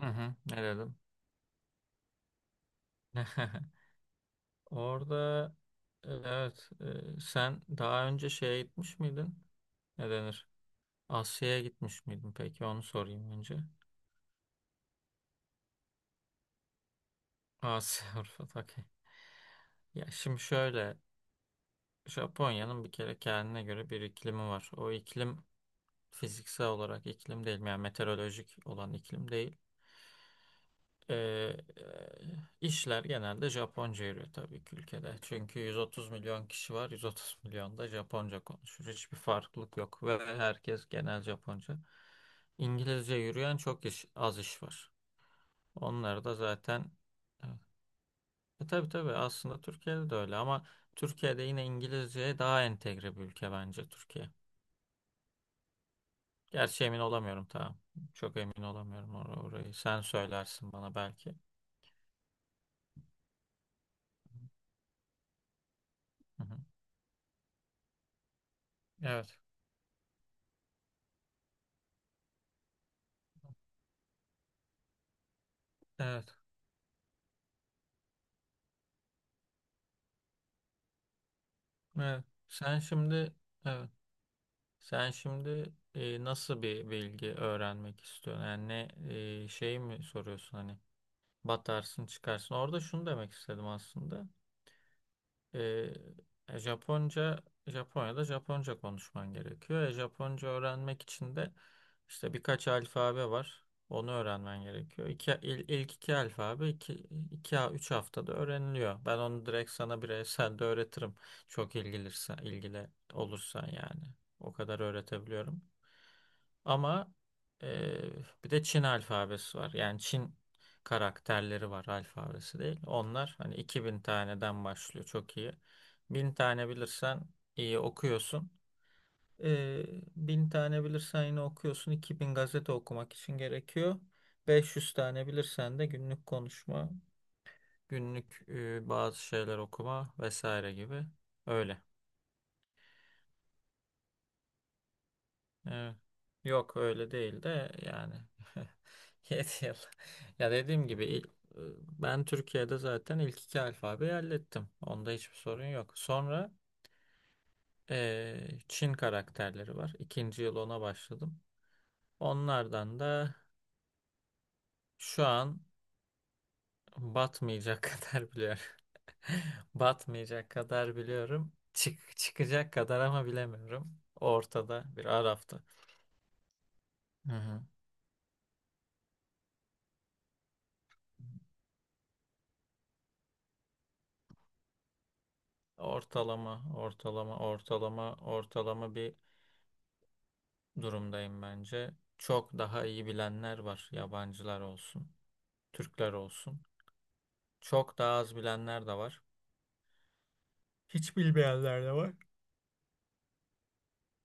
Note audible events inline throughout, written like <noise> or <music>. Hı hı, ne dedim? <laughs> Orada evet. Sen daha önce şeye gitmiş miydin? Ne denir? Asya'ya gitmiş miydin peki? Onu sorayım önce. Asya <laughs> Avrupa okey. Ya şimdi şöyle, Japonya'nın bir kere kendine göre bir iklimi var. O iklim fiziksel olarak iklim değil, yani meteorolojik olan iklim değil. Ee, işler genelde Japonca yürüyor tabii ki ülkede. Çünkü 130 milyon kişi var. 130 milyon da Japonca konuşur. Hiçbir farklılık yok ve herkes genel Japonca. İngilizce yürüyen çok iş, az iş var. Onlar da zaten evet. Tabii tabii, aslında Türkiye'de de öyle ama Türkiye'de yine İngilizceye daha entegre bir ülke bence Türkiye. Gerçi emin olamıyorum, tamam. Çok emin olamıyorum orayı. Sen söylersin bana belki. Hı hı. Evet. Evet. Evet. Sen şimdi evet. Sen şimdi nasıl bir bilgi öğrenmek istiyorsun? Yani ne, şey mi soruyorsun, hani batarsın çıkarsın. Orada şunu demek istedim aslında. Ee, e, Japonca Japonya'da Japonca konuşman gerekiyor. E, Japonca öğrenmek için de işte birkaç alfabe var. Onu öğrenmen gerekiyor. İki, ilk iki alfabe iki, üç haftada öğreniliyor. Ben onu direkt sana bireysel de öğretirim. Çok ilgili olursan yani. O kadar öğretebiliyorum. Ama eee, bir de Çin alfabesi var. Yani Çin karakterleri var, alfabesi değil. Onlar hani 2000 taneden başlıyor, çok iyi. 1000 tane bilirsen iyi okuyorsun. Eee 1000 tane bilirsen yine okuyorsun. 2000 gazete okumak için gerekiyor. 500 tane bilirsen de günlük konuşma, günlük bazı şeyler okuma vesaire gibi. Öyle. Evet. Yok öyle değil de yani, <laughs> 7 yıl. Ya dediğim gibi e, ben Türkiye'de zaten ilk iki alfabeyi hallettim. Onda hiçbir sorun yok. Sonra Çin karakterleri var. İkinci yıl ona başladım. Onlardan da şu an batmayacak <laughs> kadar biliyorum. <laughs> Batmayacak kadar biliyorum. Çıkacak kadar ama bilemiyorum. Ortada, bir arafta. Hı hı. Ortalama bir durumdayım bence. Çok daha iyi bilenler var. Yabancılar olsun, Türkler olsun. Çok daha az bilenler de var. Hiç bilmeyenler de var.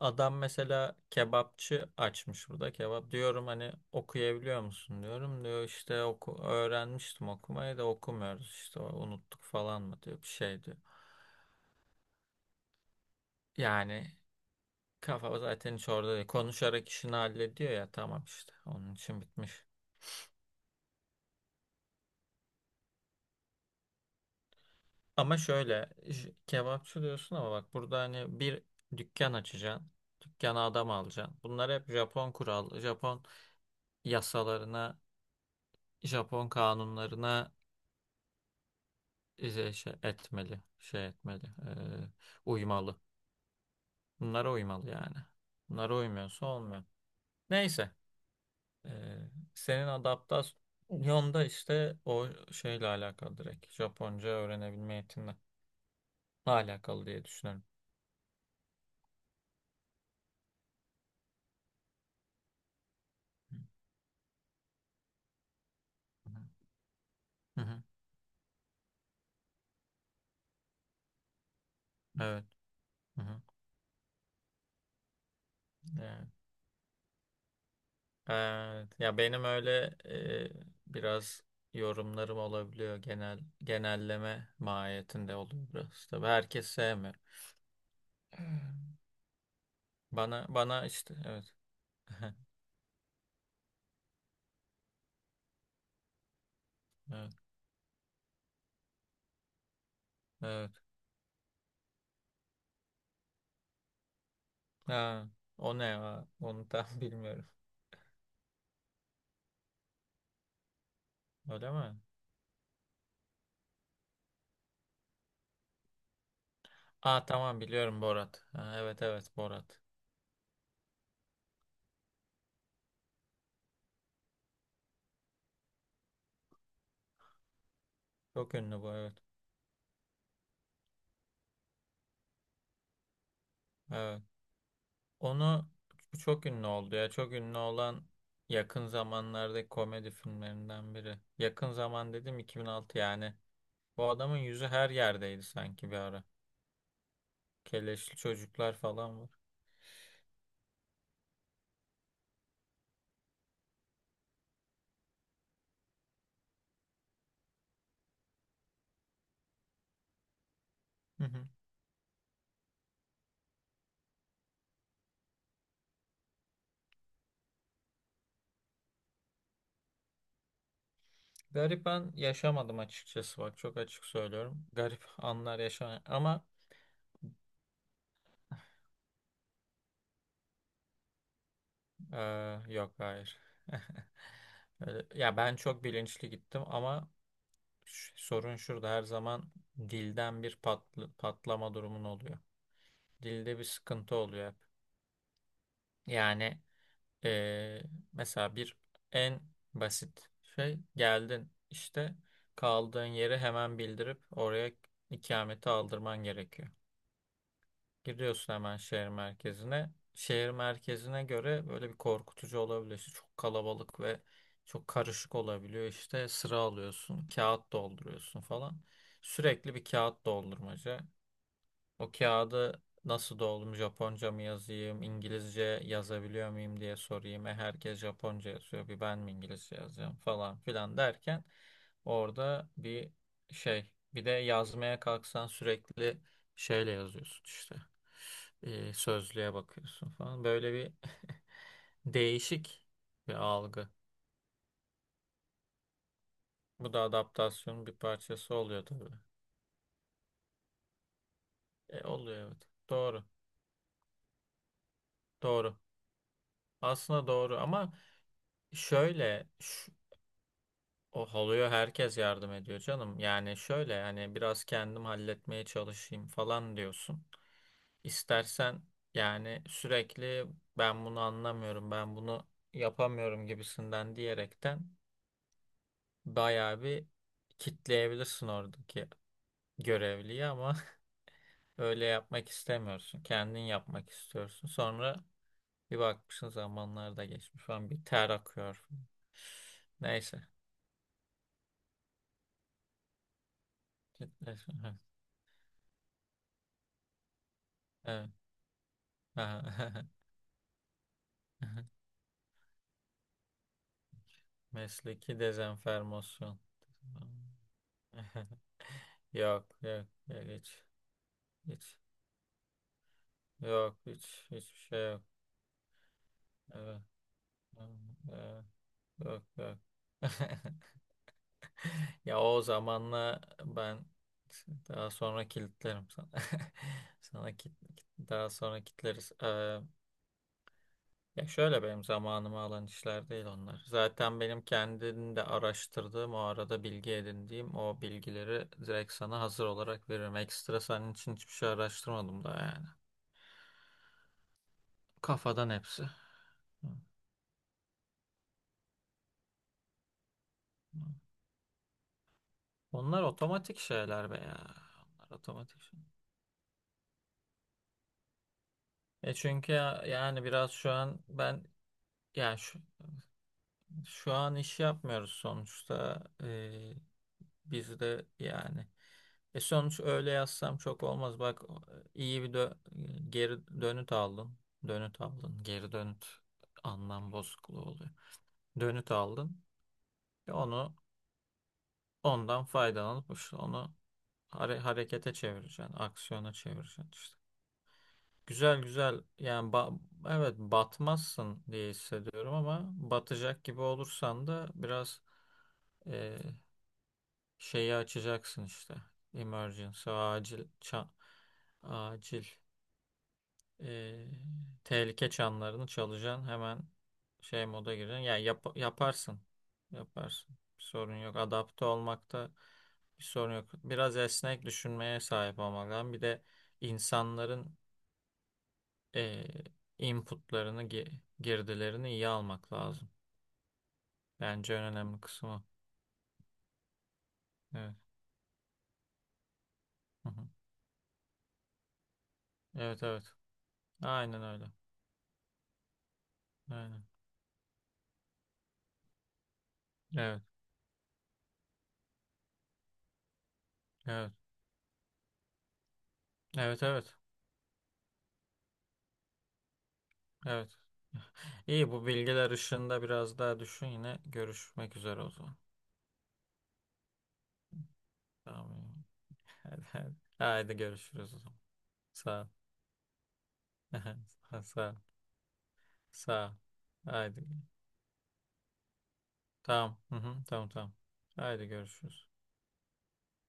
Adam mesela kebapçı açmış burada, kebap. Diyorum hani okuyabiliyor musun diyorum. Diyor işte oku öğrenmiştim okumayı da okumuyoruz işte unuttuk falan mı diyor bir şey diyor. Yani kafa zaten hiç orada değil. Konuşarak işini hallediyor ya, tamam işte onun için bitmiş. Ama şöyle, kebapçı diyorsun ama bak burada hani bir dükkan açacaksın. Dükkana adam alacaksın. Bunlar hep Japon kural, Japon yasalarına, Japon kanunlarına e, şey, şey etmeli, şey etmeli, eee, uymalı. Bunlara uymalı yani. Bunlara uymuyorsa olmuyor. Neyse, senin adaptasyonda işte o şeyle alakalı direkt. Japonca öğrenebilme yetinle alakalı diye düşünüyorum. Hı hı. Hı hı. Evet. Hı hı. Ee, evet. Ya benim öyle, biraz yorumlarım olabiliyor, genel genelleme mahiyetinde oluyor biraz. Tabii herkes sevmiyor. Bana işte evet. <laughs> Evet. Evet. Ha, o ne ya? Onu tam <laughs> bilmiyorum. Öyle mi? Aa tamam, biliyorum Borat. Ha, evet evet, Borat. Çok ünlü bu, evet. Evet. Onu, bu çok ünlü oldu ya. Çok ünlü olan yakın zamanlardaki komedi filmlerinden biri. Yakın zaman dedim, 2006 yani. Bu adamın yüzü her yerdeydi sanki bir ara. Keleşli çocuklar falan var. Hı hı. Garip an yaşamadım açıkçası, bak çok açık söylüyorum. <laughs> Garip anlar yaşamadım ama yok, hayır. <laughs> Öyle- Ya ben çok bilinçli gittim ama sorun şurada, her zaman dilden bir patlama durumun oluyor. Dilde bir sıkıntı oluyor hep. Yani Ee, mesela bir en basit şey, geldin işte, kaldığın yeri hemen bildirip oraya ikameti aldırman gerekiyor. Giriyorsun hemen şehir merkezine. Şehir merkezine göre böyle bir korkutucu olabiliyor. İşte çok kalabalık ve çok karışık olabiliyor. İşte sıra alıyorsun, kağıt dolduruyorsun falan. Sürekli bir kağıt doldurmaca. O kağıdı nasıl doldum? Japonca mı yazayım? İngilizce yazabiliyor muyum diye sorayım. E herkes Japonca yazıyor. Bir ben mi İngilizce yazacağım falan filan derken orada bir şey. Bir de yazmaya kalksan sürekli şeyle yazıyorsun işte. E, sözlüğe bakıyorsun falan. Böyle bir <laughs> değişik bir algı. Bu da adaptasyonun bir parçası oluyor tabii. E, oluyor evet. Doğru. Doğru. Aslında doğru ama Şöyle, şu- o oluyor, herkes yardım ediyor canım. Yani şöyle, yani biraz kendim halletmeye çalışayım falan diyorsun. İstersen yani sürekli ben bunu anlamıyorum, ben bunu yapamıyorum gibisinden diyerekten bayağı bir kitleyebilirsin oradaki görevliyi ama <laughs> öyle yapmak istemiyorsun. Kendin yapmak istiyorsun. Sonra bir bakmışsın zamanlar da geçmiş falan, bir ter akıyor. Neyse. Kitlesin. Evet. Aha. <laughs> Mesleki dezenformasyon. <laughs> Yok, yok, yok, hiç, hiç. Yok, hiç, hiçbir şey yok. Evet, evet, yok, yok. <laughs> Ya o zamanla ben daha sonra kilitlerim sana. <laughs> Sana daha sonra kilitleriz. Ya şöyle, benim zamanımı alan işler değil onlar. Zaten benim kendim de araştırdığım, o arada bilgi edindiğim o bilgileri direkt sana hazır olarak veririm. Ekstra senin için hiçbir şey araştırmadım da yani. Kafadan hepsi. Hı, hı. Onlar otomatik şeyler be ya. Onlar otomatik şey. E çünkü yani biraz şu an ben, yani şu an iş yapmıyoruz sonuçta. Bizde yani. E sonuç öyle yazsam çok olmaz. Bak iyi bir geri dönüt aldın. Dönüt aldın. Geri dönüt anlam bozukluğu oluyor. Dönüt aldın. E onu, ondan faydalanıp işte onu harekete çevireceksin. Aksiyona çevireceksin işte. Güzel güzel yani evet, batmazsın diye hissediyorum ama batacak gibi olursan da biraz e, şeyi açacaksın işte. Emergency, acil, acil, e, tehlike çanlarını çalacaksın. Hemen şey moda gireceksin. Yani yaparsın. Yaparsın. Bir sorun yok. Adapte olmakta bir sorun yok. Biraz esnek düşünmeye sahip olmak lazım. Bir de insanların e, inputlarını, girdilerini iyi almak lazım. Bence en önemli kısmı o. Evet. Hı hı. Evet evet. Aynen öyle. Aynen. Evet. Evet. Evet evet. Evet. İyi, bu bilgiler ışığında biraz daha düşün, yine görüşmek üzere o zaman. Tamam. Hadi, hadi. Haydi görüşürüz o zaman. Sağ ol. <laughs> Sağ ol. Sağ ol. Haydi. Tamam. Hı hı. Tamam tamam. Haydi görüşürüz.